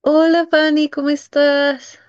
Hola Fanny, ¿cómo estás?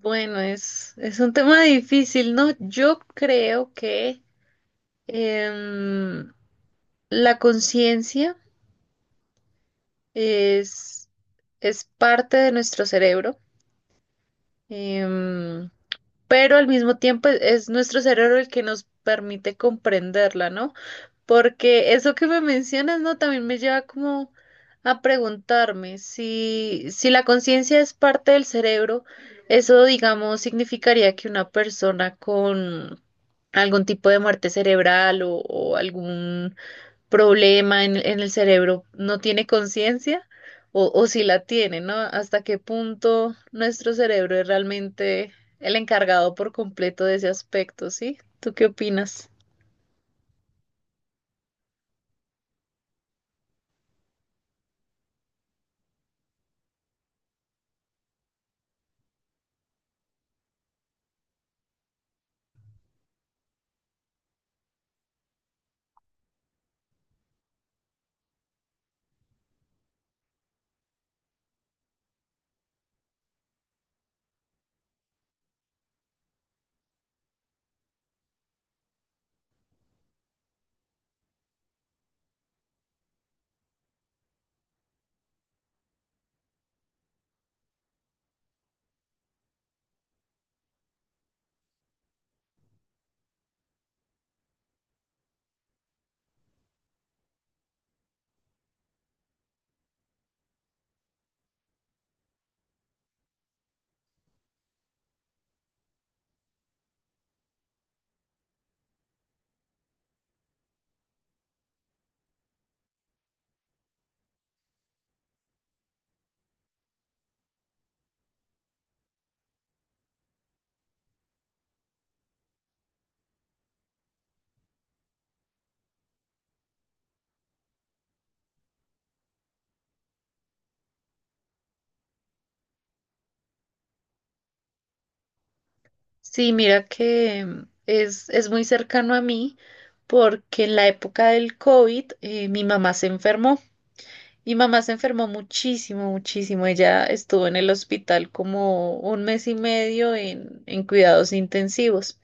Bueno, es un tema difícil, ¿no? Yo creo que em, la conciencia es, es parte de nuestro cerebro, em, pero al mismo tiempo es nuestro cerebro el que nos permite comprenderla, ¿no? Porque eso que me mencionas, ¿no? También me lleva como a preguntarme si la conciencia es parte del cerebro, eso, digamos, significaría que una persona con algún tipo de muerte cerebral o algún problema en el cerebro no tiene conciencia o si la tiene, ¿no? ¿Hasta qué punto nuestro cerebro es realmente el encargado por completo de ese aspecto, ¿sí? ¿Tú qué opinas? Sí, mira que es muy cercano a mí porque en la época del COVID mi mamá se enfermó. Mi mamá se enfermó muchísimo, muchísimo. Ella estuvo en el hospital como un mes y medio en cuidados intensivos.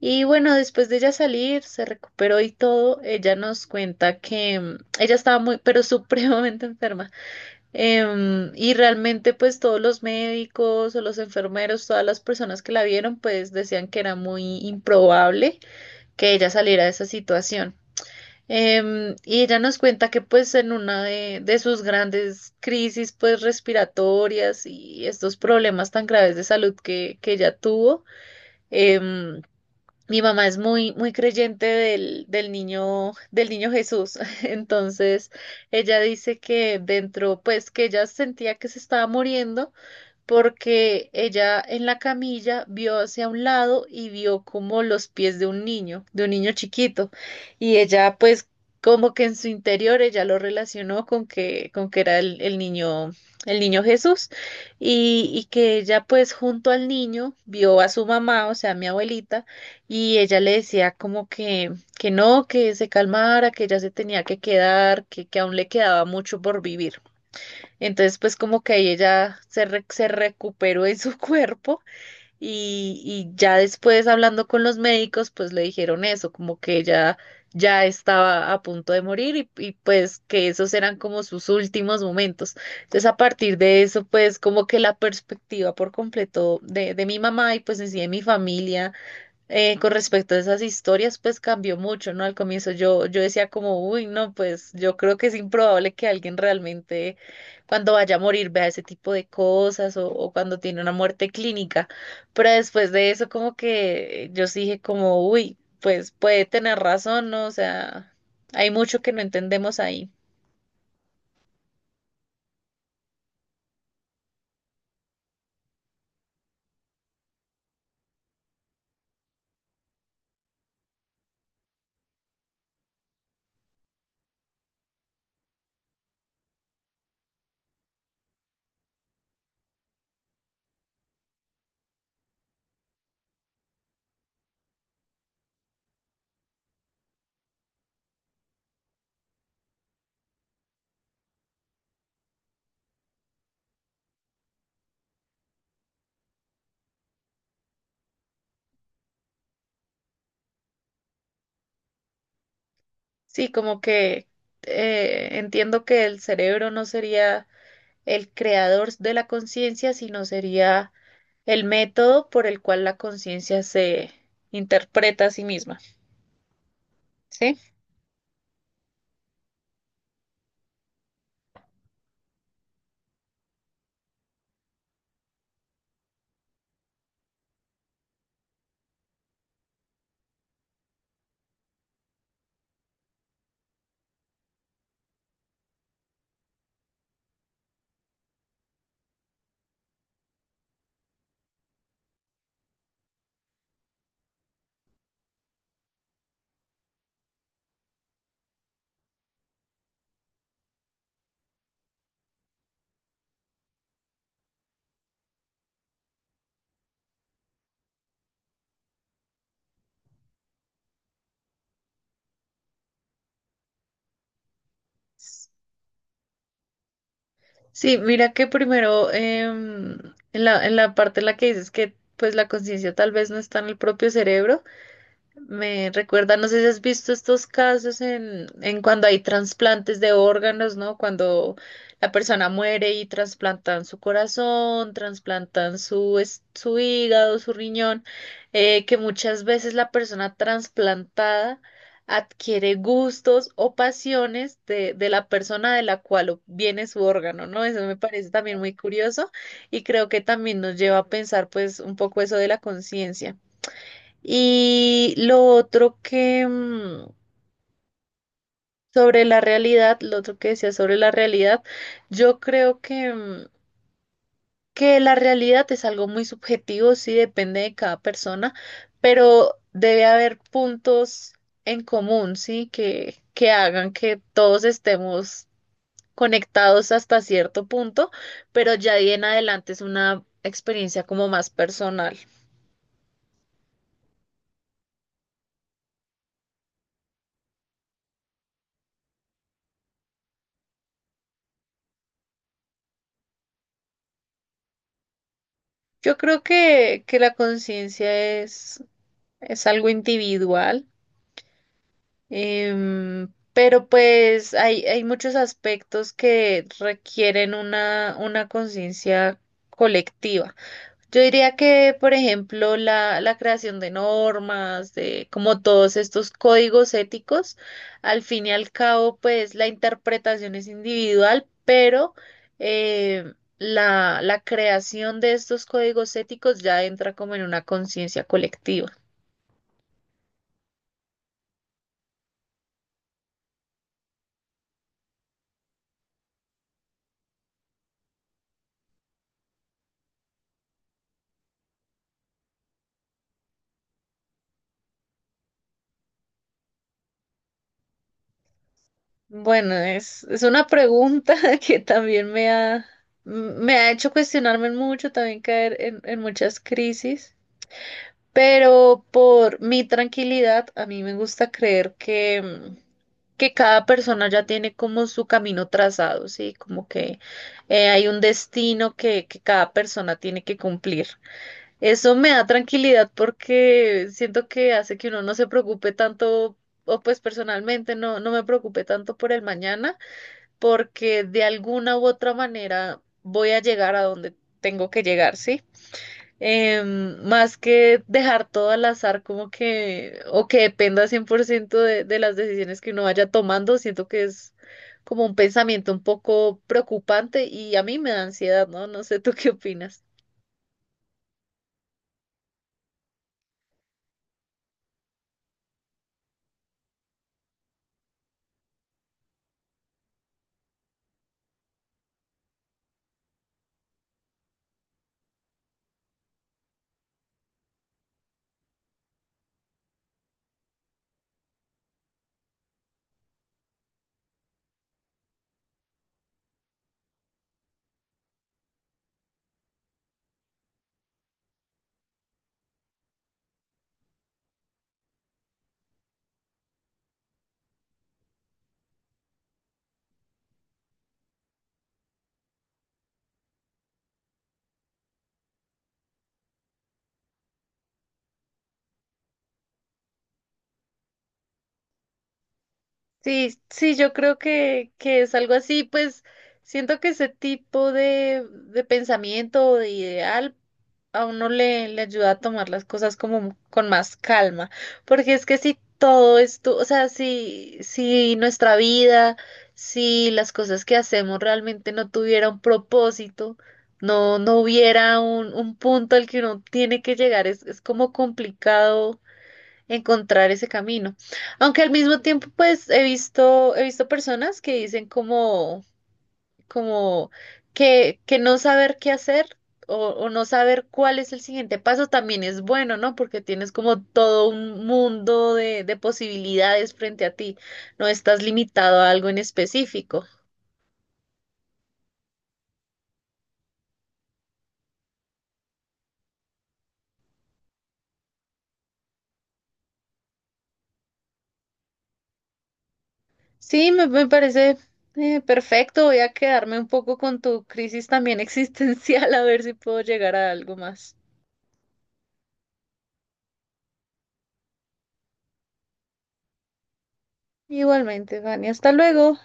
Y bueno, después de ella salir, se recuperó y todo, ella nos cuenta que ella estaba muy, pero supremamente enferma. Y realmente pues todos los médicos o los enfermeros, todas las personas que la vieron pues decían que era muy improbable que ella saliera de esa situación. Y ella nos cuenta que pues en una de sus grandes crisis pues respiratorias y estos problemas tan graves de salud que ella tuvo, em, mi mamá es muy, muy creyente del niño Jesús. Entonces, ella dice que dentro, pues que ella sentía que se estaba muriendo porque ella en la camilla vio hacia un lado y vio como los pies de un niño chiquito, y ella pues como que en su interior ella lo relacionó con que era el niño Jesús, y que ella pues junto al niño vio a su mamá, o sea, a mi abuelita, y ella le decía como que no, que se calmara, que ella se tenía que quedar, que aún le quedaba mucho por vivir. Entonces, pues como que ahí ella se, se recuperó en su cuerpo y ya después hablando con los médicos, pues le dijeron eso, como que ella ya estaba a punto de morir y pues que esos eran como sus últimos momentos. Entonces, a partir de eso, pues como que la perspectiva por completo de mi mamá y pues en sí de mi familia con respecto a esas historias, pues cambió mucho, ¿no? Al comienzo yo decía como, uy, no, pues yo creo que es improbable que alguien realmente cuando vaya a morir vea ese tipo de cosas o cuando tiene una muerte clínica. Pero después de eso como que yo sí dije como, uy, pues puede tener razón, ¿no? O sea, hay mucho que no entendemos ahí. Sí, como que entiendo que el cerebro no sería el creador de la conciencia, sino sería el método por el cual la conciencia se interpreta a sí misma, ¿sí? Sí, mira que primero en la parte en la que dices que pues la conciencia tal vez no está en el propio cerebro, me recuerda, no sé si has visto estos casos en cuando hay trasplantes de órganos, ¿no? Cuando la persona muere y trasplantan su corazón, trasplantan su, su hígado, su riñón, que muchas veces la persona trasplantada adquiere gustos o pasiones de la persona de la cual viene su órgano, ¿no? Eso me parece también muy curioso y creo que también nos lleva a pensar pues un poco eso de la conciencia. Y lo otro que sobre la realidad, lo otro que decía sobre la realidad, yo creo que, que la realidad es algo muy subjetivo, sí depende de cada persona, pero debe haber puntos en común, sí, que hagan que todos estemos conectados hasta cierto punto, pero ya de ahí en adelante es una experiencia como más personal. Yo creo que la conciencia es algo individual. Pero pues hay muchos aspectos que requieren una conciencia colectiva. Yo diría que, por ejemplo, la creación de normas, de como todos estos códigos éticos, al fin y al cabo, pues la interpretación es individual, pero la, la creación de estos códigos éticos ya entra como en una conciencia colectiva. Bueno, es una pregunta que también me ha hecho cuestionarme mucho, también caer en muchas crisis. Pero por mi tranquilidad, a mí me gusta creer que, que cada persona ya tiene como su camino trazado, ¿sí? Como que hay un destino que cada persona tiene que cumplir. Eso me da tranquilidad porque siento que hace que uno no se preocupe tanto, o pues personalmente no, no me preocupe tanto por el mañana, porque de alguna u otra manera voy a llegar a donde tengo que llegar, ¿sí? Más que dejar todo al azar, como que, o que dependa 100% de las decisiones que uno vaya tomando, siento que es como un pensamiento un poco preocupante y a mí me da ansiedad, ¿no? No sé, ¿tú qué opinas? Sí, sí, yo creo que es algo así, pues siento que ese tipo de pensamiento o de ideal a uno le, le ayuda a tomar las cosas como con más calma, porque es que si todo esto, o sea, si, si nuestra vida, si las cosas que hacemos realmente no tuviera un propósito, no, no hubiera un punto al que uno tiene que llegar, es como complicado encontrar ese camino. Aunque al mismo tiempo, pues he visto personas que dicen como como que no saber qué hacer o no saber cuál es el siguiente paso también es bueno, ¿no? Porque tienes como todo un mundo de posibilidades frente a ti, no estás limitado a algo en específico. Sí, me parece perfecto, voy a quedarme un poco con tu crisis también existencial a ver si puedo llegar a algo más. Igualmente, Vani, hasta luego.